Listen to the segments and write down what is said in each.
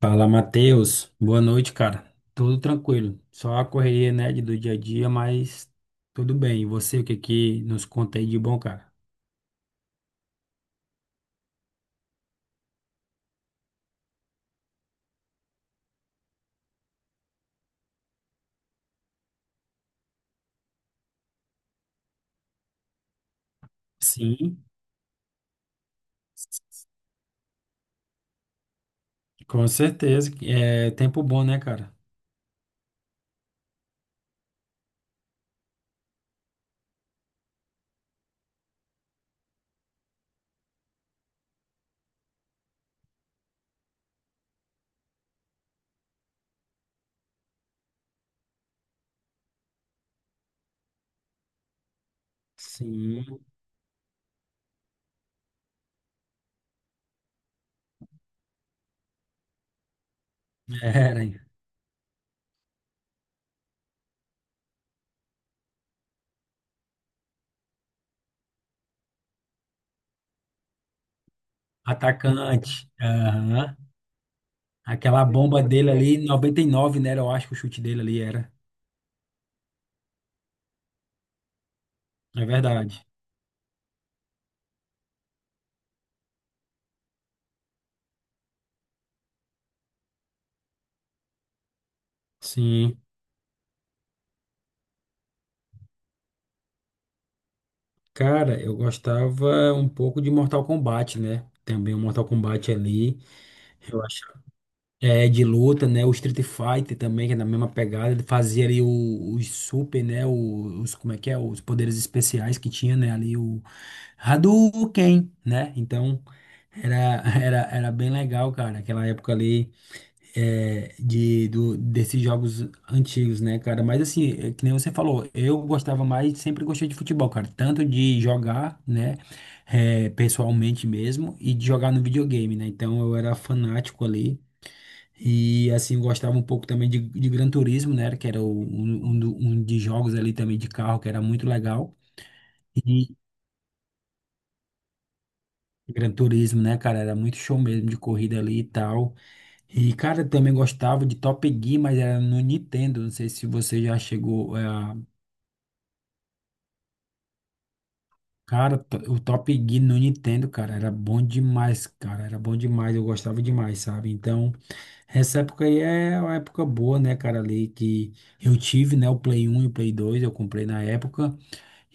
Fala, Matheus. Boa noite, cara. Tudo tranquilo. Só a correria, né, do dia a dia, mas tudo bem. E você, o que que nos conta aí de bom, cara? Sim, com certeza. É tempo bom, né, cara? Sim, era. Hein? Atacante. Aham. Aquela bomba dele ali, 99, né? Eu acho que o chute dele ali era. É verdade. Sim. Cara, eu gostava um pouco de Mortal Kombat, né? Também o Mortal Kombat ali. É, de luta, né? O Street Fighter também, que é na mesma pegada. Ele fazia ali os super, né? Os, como é que é? Os poderes especiais que tinha, né? Ali o Hadouken, né? Então, era, era bem legal, cara. Aquela época ali é, desses jogos antigos, né, cara? Mas assim, é que nem você falou, eu gostava mais, sempre gostei de futebol, cara. Tanto de jogar, né? É, pessoalmente mesmo, e de jogar no videogame, né? Então, eu era fanático ali. E assim, eu gostava um pouco também de Gran Turismo, né? Que era um de jogos ali também de carro, que era muito legal. E Gran Turismo, né, cara? Era muito show mesmo de corrida ali e tal. E, cara, eu também gostava de Top Gear, mas era no Nintendo. Não sei se você já chegou. É, Cara, o Top Gear no Nintendo, cara, era bom demais, cara. Era bom demais, eu gostava demais, sabe? Então. Essa época aí é uma época boa, né, cara, ali que eu tive, né, o Play 1 e o Play 2, eu comprei na época.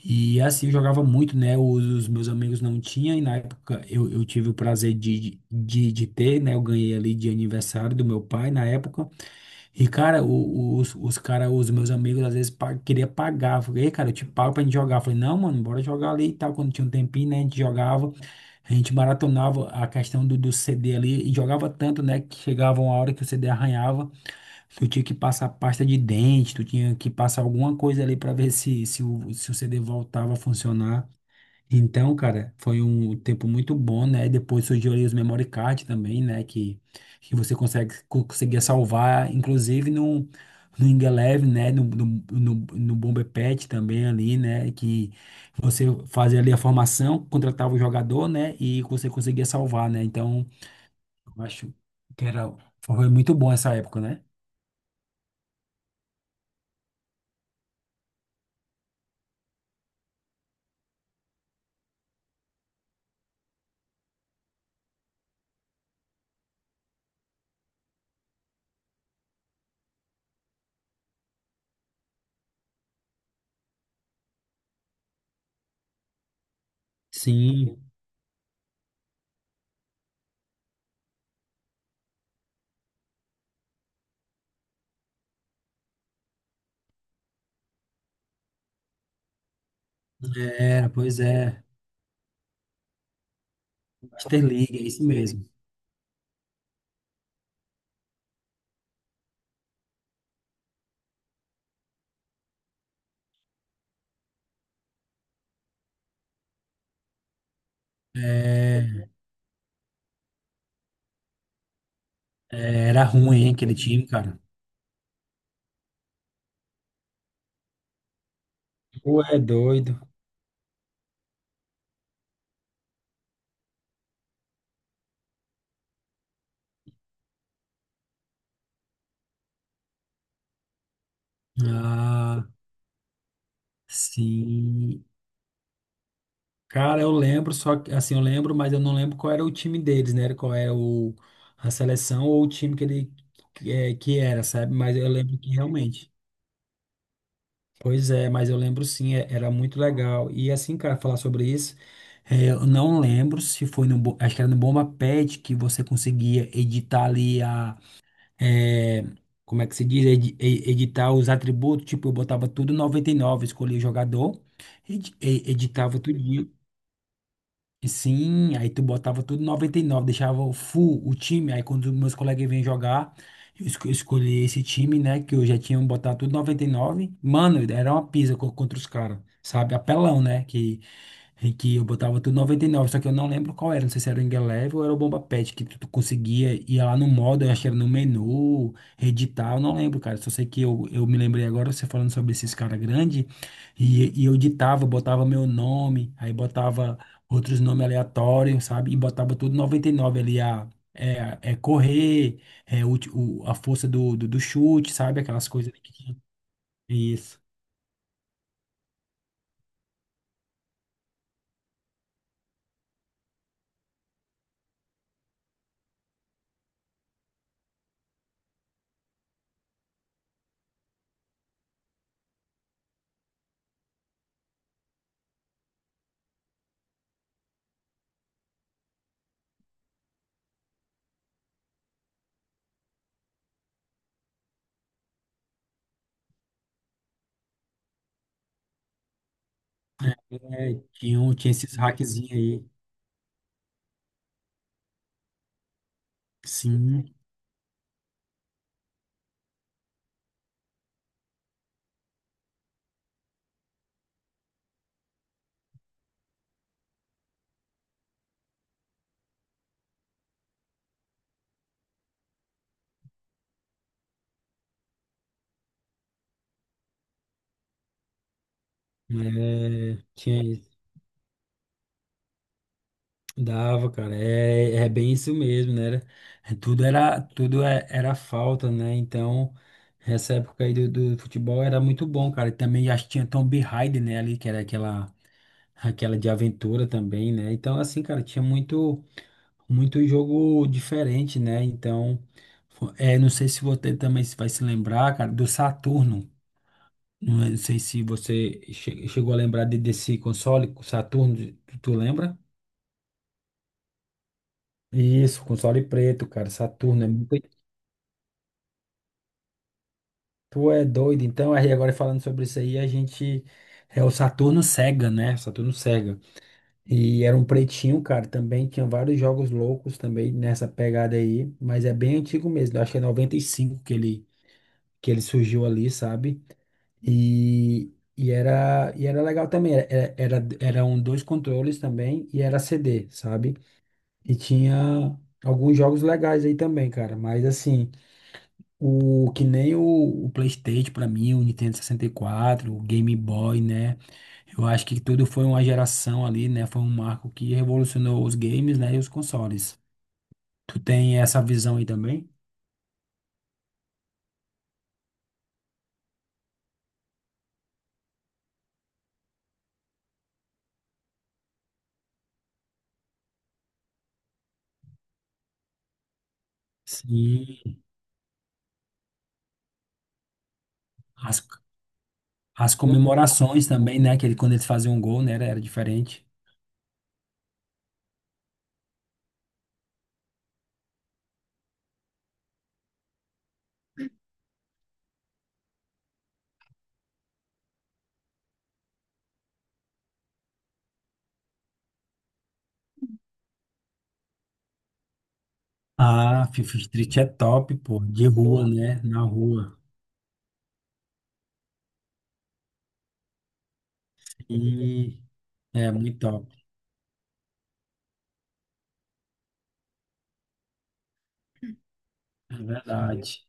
E assim, eu jogava muito, né? Os meus amigos não tinham, e na época eu tive o prazer de ter, né? Eu ganhei ali de aniversário do meu pai na época. E, cara, os meus amigos às vezes pa queria pagar. Eu falei, "Ei, cara, eu te pago pra gente jogar." Eu falei, não, mano, bora jogar ali e tal. Quando tinha um tempinho, né? A gente jogava, a gente maratonava a questão do CD ali e jogava tanto, né? Que chegava uma hora que o CD arranhava. Tu tinha que passar pasta de dente, tu tinha que passar alguma coisa ali para ver se o CD voltava a funcionar. Então, cara, foi um tempo muito bom, né? Depois surgiu ali os memory card também, né? Que, que conseguia salvar, inclusive no Ingeleve, né? No, no Bomber Patch também ali, né? Que você fazia ali a formação, contratava o jogador, né? E você conseguia salvar, né? Então, eu acho que era, foi muito bom essa época, né? Sim. Era, pois é. Interliga, é isso mesmo. É, era ruim, hein, aquele time, cara. Tu é doido. Ah, sim. Cara, eu lembro, só que, assim, eu lembro, mas eu não lembro qual era o time deles, né? Qual era o, a seleção ou o time é, que era, sabe? Mas eu lembro que realmente. Pois é, mas eu lembro sim, era muito legal. E assim, cara, falar sobre isso, é, eu não lembro se foi no, Bo- acho que era no Bomba Pet que você conseguia editar ali é, como é que se diz, editar os atributos, tipo, eu botava tudo 99, escolhia o jogador, editava tudo. Sim, aí tu botava tudo 99, deixava o full o time. Aí quando meus colegas vinham jogar, eu escolhi esse time, né? Que eu já tinha botado tudo 99. Mano, era uma pisa contra os caras, sabe? Apelão, né? Que eu botava tudo 99, só que eu não lembro qual era. Não sei se era o Ingeleve ou era o Bomba Pet, que tu conseguia ir lá no modo, eu acho que era no menu, editar, eu não lembro, cara. Só sei que eu me lembrei agora, você falando sobre esses caras grandes, e eu editava, botava meu nome, aí botava outros nomes aleatórios, sabe? E botava tudo 99 ali, é correr, é a força do chute, sabe? Aquelas coisas que tinha. Isso. É, tinha, tinha esses hackzinhos aí. Sim, é, tinha isso. Dava, cara. É, é bem isso mesmo, né? É, tudo era, era falta, né? Então, essa época aí do futebol era muito bom, cara. E também acho que tinha Tomb Raider, né? Ali, que era aquela. Aquela de aventura também, né? Então, assim, cara, tinha muito jogo diferente, né? Então, é, não sei se você também se vai se lembrar, cara, do Saturno. Não sei se você chegou a lembrar desse console, Saturno, tu lembra? Isso, console preto, cara, Saturno. É muito... Tu é doido. Então, aí agora falando sobre isso aí, a gente. É o Saturno Sega, né? Saturno Sega. E era um pretinho, cara, também. Tinha vários jogos loucos também nessa pegada aí. Mas é bem antigo mesmo. Eu acho que é 95 que ele surgiu ali, sabe? E, e era legal também. Eram dois controles também e era CD, sabe? E tinha alguns jogos legais aí também, cara. Mas assim, o que nem o PlayStation pra mim, o Nintendo 64, o Game Boy, né? Eu acho que tudo foi uma geração ali, né? Foi um marco que revolucionou os games, né? E os consoles. Tu tem essa visão aí também? Sim. As, as comemorações também, né? Que ele, quando eles faziam um gol, né? Era, era diferente. Ah, FIFA Street é top, pô. De rua, né? Na rua. E é muito top. É verdade.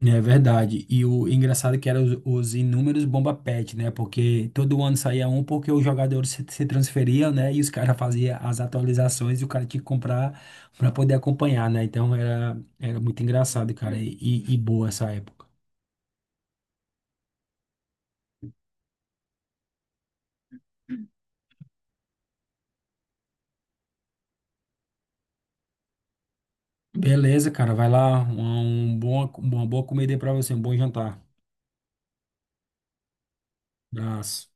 É verdade. E o engraçado é que eram os inúmeros bomba pet, né? Porque todo ano saía um porque os jogadores se transferiam, né? E os caras faziam as atualizações e o cara tinha que comprar para poder acompanhar, né? Então era, era muito engraçado, cara, e boa essa época. Beleza, cara, vai lá. Uma, um bom, uma boa comida aí pra você, um bom jantar. Abraço.